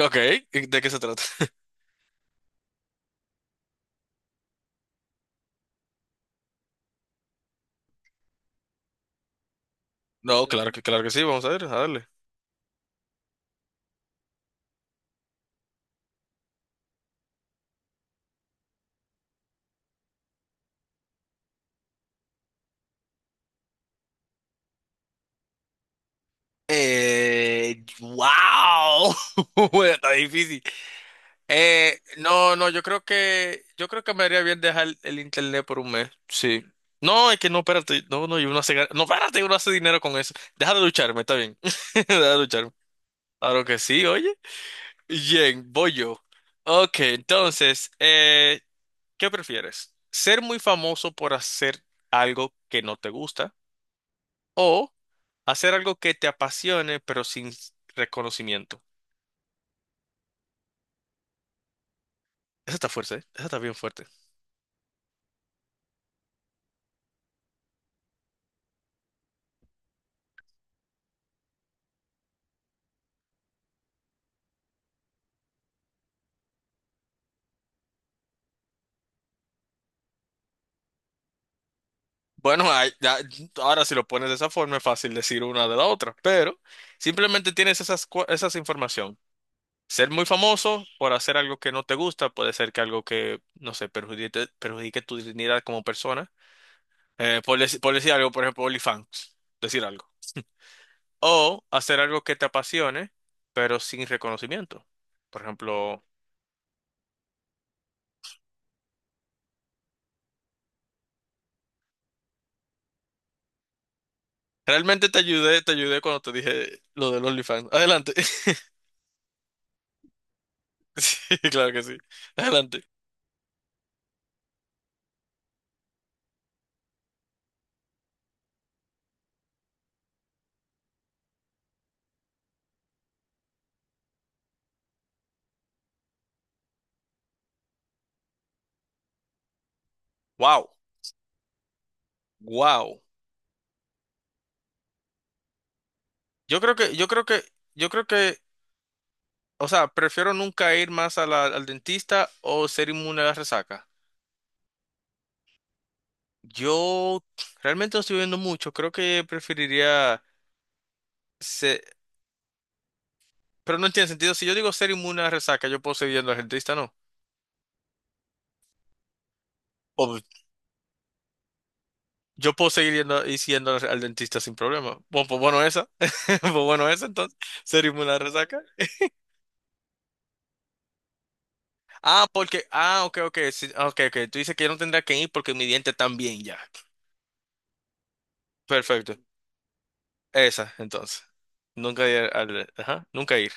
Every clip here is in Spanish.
Ok, ¿de qué se trata? No, claro que sí, vamos a ver, a darle. Wow, bueno, está difícil. No, no, yo creo que me haría bien dejar el internet por 1 mes, sí. No, es que no, espérate, no, no, y uno hace, no, espérate, uno hace dinero con eso. Deja de lucharme, está bien, deja de lucharme. Claro que sí, oye. Bien, voy yo. Ok, entonces, ¿qué prefieres? ¿Ser muy famoso por hacer algo que no te gusta? O hacer algo que te apasione, pero sin reconocimiento. Esa está fuerte, ¿eh? Esa está bien fuerte. Bueno, ay, ahora si lo pones de esa forma es fácil decir una de la otra, pero simplemente tienes esas, esas información. Ser muy famoso por hacer algo que no te gusta, puede ser que algo que, no sé, perjudique, perjudique tu dignidad como persona. Por decir algo, por ejemplo, OnlyFans, decir algo. O hacer algo que te apasione, pero sin reconocimiento. Por ejemplo, realmente te ayudé cuando te dije lo del OnlyFans. Adelante. Sí, claro que sí. Adelante. Wow, wow. Yo creo que, yo creo que, yo creo que, o sea, prefiero nunca ir más a al dentista o ser inmune a la resaca. Yo realmente no estoy viendo mucho. Creo que preferiría ser, pero no tiene sentido. Si yo digo ser inmune a la resaca, yo puedo seguir yendo al dentista, ¿no? O yo puedo seguir yendo y siendo al dentista sin problema. Bueno, pues bueno esa. Pues bueno esa entonces. Ser inmune a la resaca. Ah, porque, ah, ok, ok, sí, ok, ok. Tú dices que yo no tendría que ir porque mi diente también ya. Perfecto. Esa, entonces. Nunca ir al, ajá, nunca ir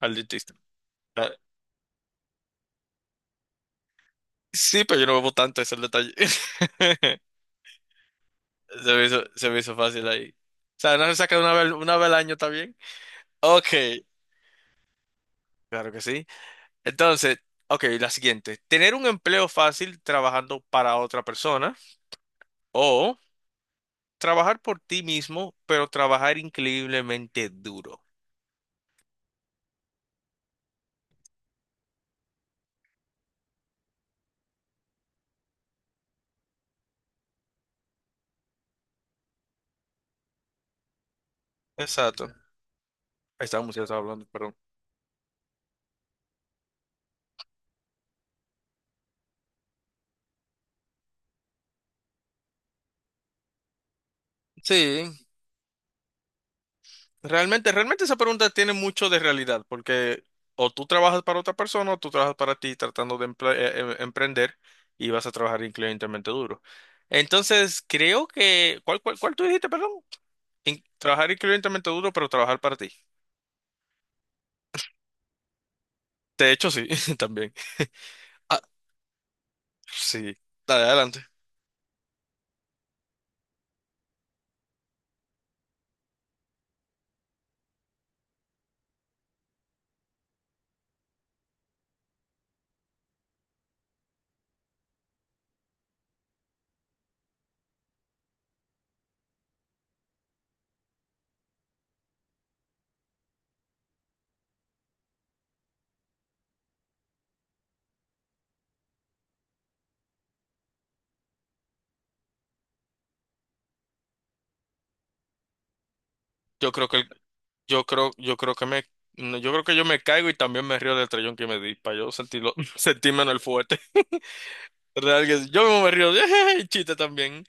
al dentista. Ah, sí, pero yo no bebo tanto, ese es el detalle. Se me hizo fácil ahí. O sea, no se saca una vez, 1 vez al año, ¿está bien? Ok, claro que sí. Entonces, ok, la siguiente. Tener un empleo fácil trabajando para otra persona o trabajar por ti mismo, pero trabajar increíblemente duro. Exacto. Ahí estábamos, ya estaba hablando, perdón. Sí, realmente, realmente esa pregunta tiene mucho de realidad, porque o tú trabajas para otra persona o tú trabajas para ti tratando de emprender y vas a trabajar increíblemente duro. Entonces, creo que, ¿cuál, cuál, cuál tú dijiste, perdón? Trabajar increíblemente duro, pero trabajar para ti. De hecho, sí, también. Ah, sí, dale, adelante. Yo creo que, yo creo que me, no, yo creo que yo me caigo y también me río del trellón que me di, para yo sentirlo, sentirme en el fuerte. Real que yo mismo me río, chiste también.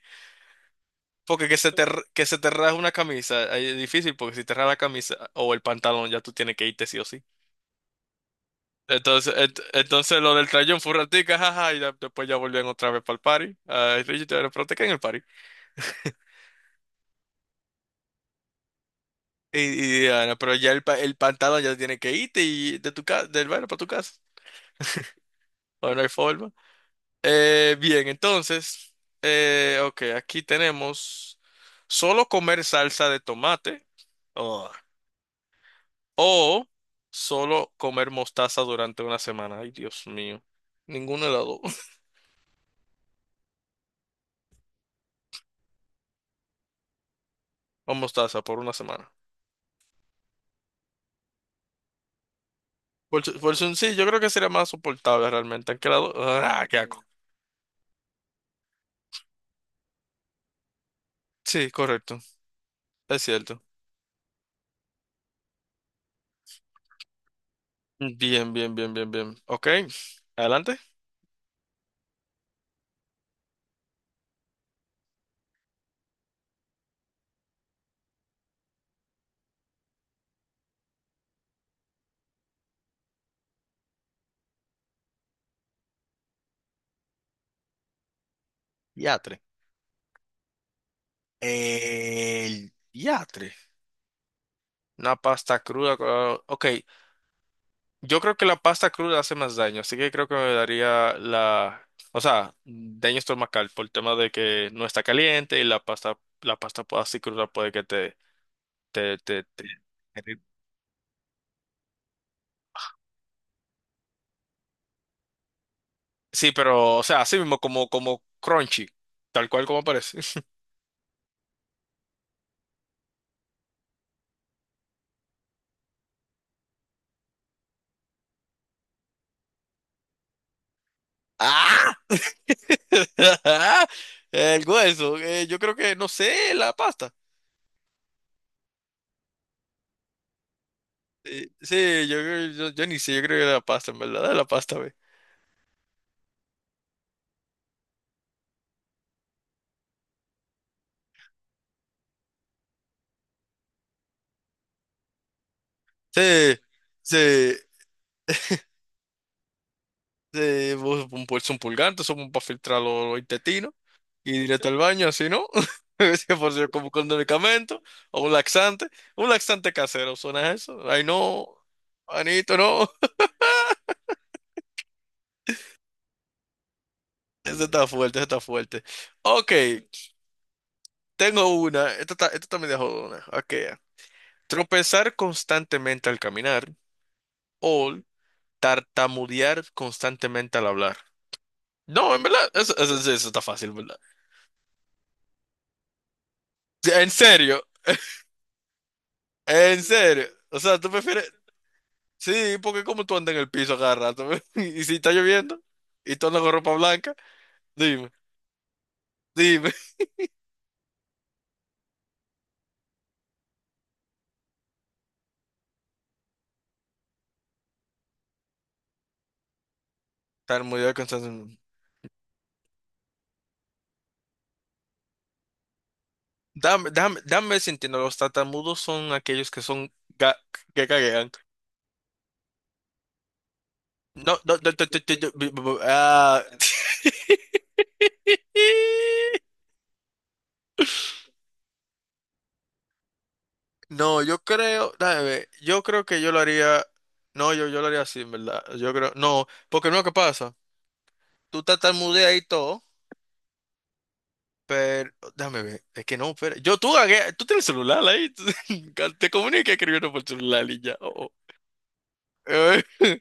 Porque que se te, que se te raje una camisa, ahí es difícil, porque si te raja la camisa o el pantalón, ya tú tienes que irte sí o sí. Entonces, entonces lo del trayón fue un ratico, jaja, y después ya volvían otra vez para el party. Ah, Richie te en el party. Y Diana, pero ya el, el pantalón ya tiene que irte y de tu casa del baile para tu casa. Bueno, no hay forma. Bien, entonces, ok, aquí tenemos solo comer salsa de tomate. Oh, o solo comer mostaza durante 1 semana. Ay, Dios mío. Ninguno de las dos. O mostaza por 1 semana. Por, sí, yo creo que sería más soportable realmente. Aunque ah, qué asco. Sí, correcto. Es cierto. Bien, bien, bien, bien, bien. Ok. Adelante. Diatre. El diatre. Una pasta cruda. Ok. Yo creo que la pasta cruda hace más daño, así que creo que me daría la, o sea, daño estomacal por el tema de que no está caliente y la pasta, la así cruda puede que te, te. Sí, pero, o sea, así mismo como, como crunchy, tal cual como parece. ¡Ah! El hueso, yo creo que, no sé, la pasta. Sí, sí, yo ni sé, yo creo que la pasta, en verdad, la pasta, ve. Sí, sí. Vos un pulso un pulgar, eso para filtrar los intestinos y directo al baño, así no. Ese por si como con medicamento o un laxante casero, ¿suena eso? Ay, no, Anito, no. Ese está fuerte, ese está fuerte. Ok, tengo una, esta está media jodona. Ok, tropezar constantemente al caminar o tartamudear constantemente al hablar. No, en verdad, eso está fácil, ¿verdad? Sí, en serio, en serio. O sea, tú prefieres. Sí, porque como tú andas en el piso cada rato, y si está lloviendo, y tú andas con ropa blanca, dime, dime. Tartamudeo constantemente. Dame, dame, dame sintiendo, los tartamudos son aquellos que son ga- que caguean. No, no, no, no, no, no, no, no, no, ah. No, yo creo, dame, ver, yo creo que yo lo haría, no, yo lo haría así, en verdad, yo creo, no, porque no, ¿qué pasa? Tú tartamudeas y todo. Pero, déjame ver, es que no, pero, yo tú, tú tienes celular ahí, tú- te comunicas escribiendo por celular y ya. Oh, oh. Eh,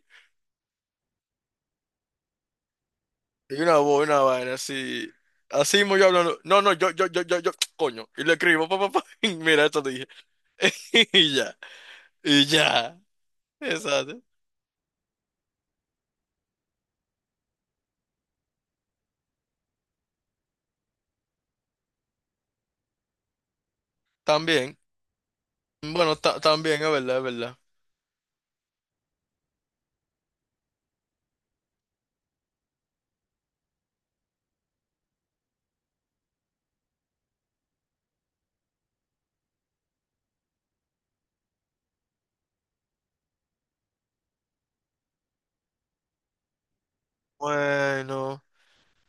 y una voz, una vaina así, así mismo yo hablando, no, no, yo, coño, y le escribo, papá, pa, pa, pa, y mira, esto te dije, y ya, y ya, exacto, también, bueno, también, es verdad, es verdad. Bueno,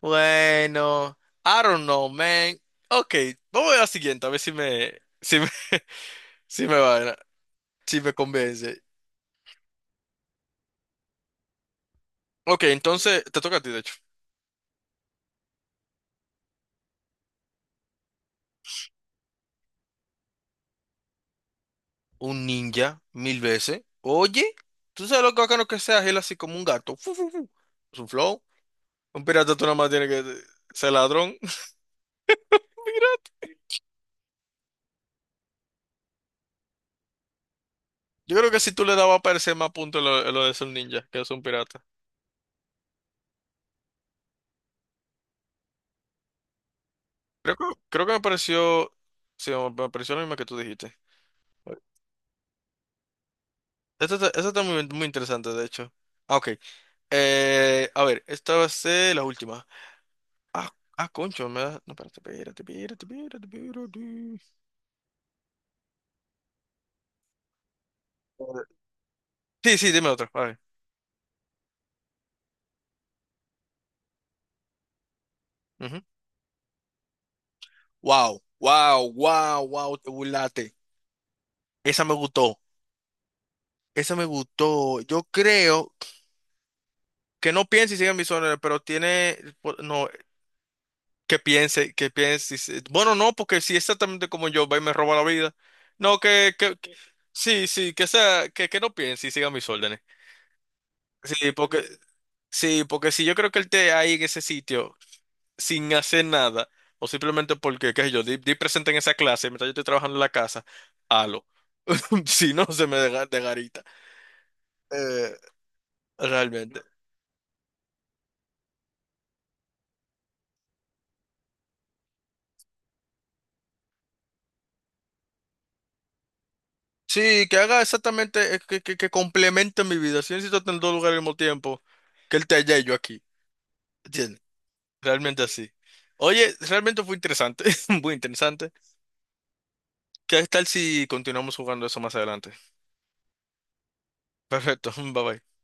bueno, I don't know, man. Ok, vamos a la siguiente, a ver si me, si me, si me va, si me convence. Ok, entonces te toca a ti, de hecho. Un ninja, mil veces. Oye, tú sabes lo bacano que sea él así como un gato. Fu, fu, fu. Es un flow. Un pirata tú nada más tienes que ser ladrón. Yo creo que si tú le dabas a parecer más puntos lo de ser un ninja que es un pirata. Creo que, creo que me pareció. Sí, me pareció lo mismo que tú dijiste. Esto está muy, muy interesante, de hecho. Ah, ok. A ver, esta va a ser la última. Ah, ah, concho, no, espérate, espérate, espérate, espérate, espérate. Sí, sí, dime otro. A ver. Ujú. Wow, wow, wow, wow, te burlaste. Esa me gustó. Esa me gustó. Yo creo que no piense y siga mis órdenes, pero tiene. Pues, no, que piense, que piense. Bueno, no, porque si es exactamente como yo va y me roba la vida. No, sí, sí, que sea, que no piense y siga mis órdenes. Sí, porque, sí, porque si yo creo que él esté ahí en ese sitio, sin hacer nada, o simplemente porque, qué sé yo, di, di presente en esa clase mientras yo estoy trabajando en la casa, halo. Si no, se me deja de garita. Eh, realmente. Sí, que haga exactamente, que complemente mi vida. Si necesito estar en 2 lugares al mismo tiempo, que él esté allá y yo aquí. ¿Entiendes? Realmente así. Oye, realmente fue interesante, muy interesante. ¿Qué tal si continuamos jugando eso más adelante? Perfecto, bye bye.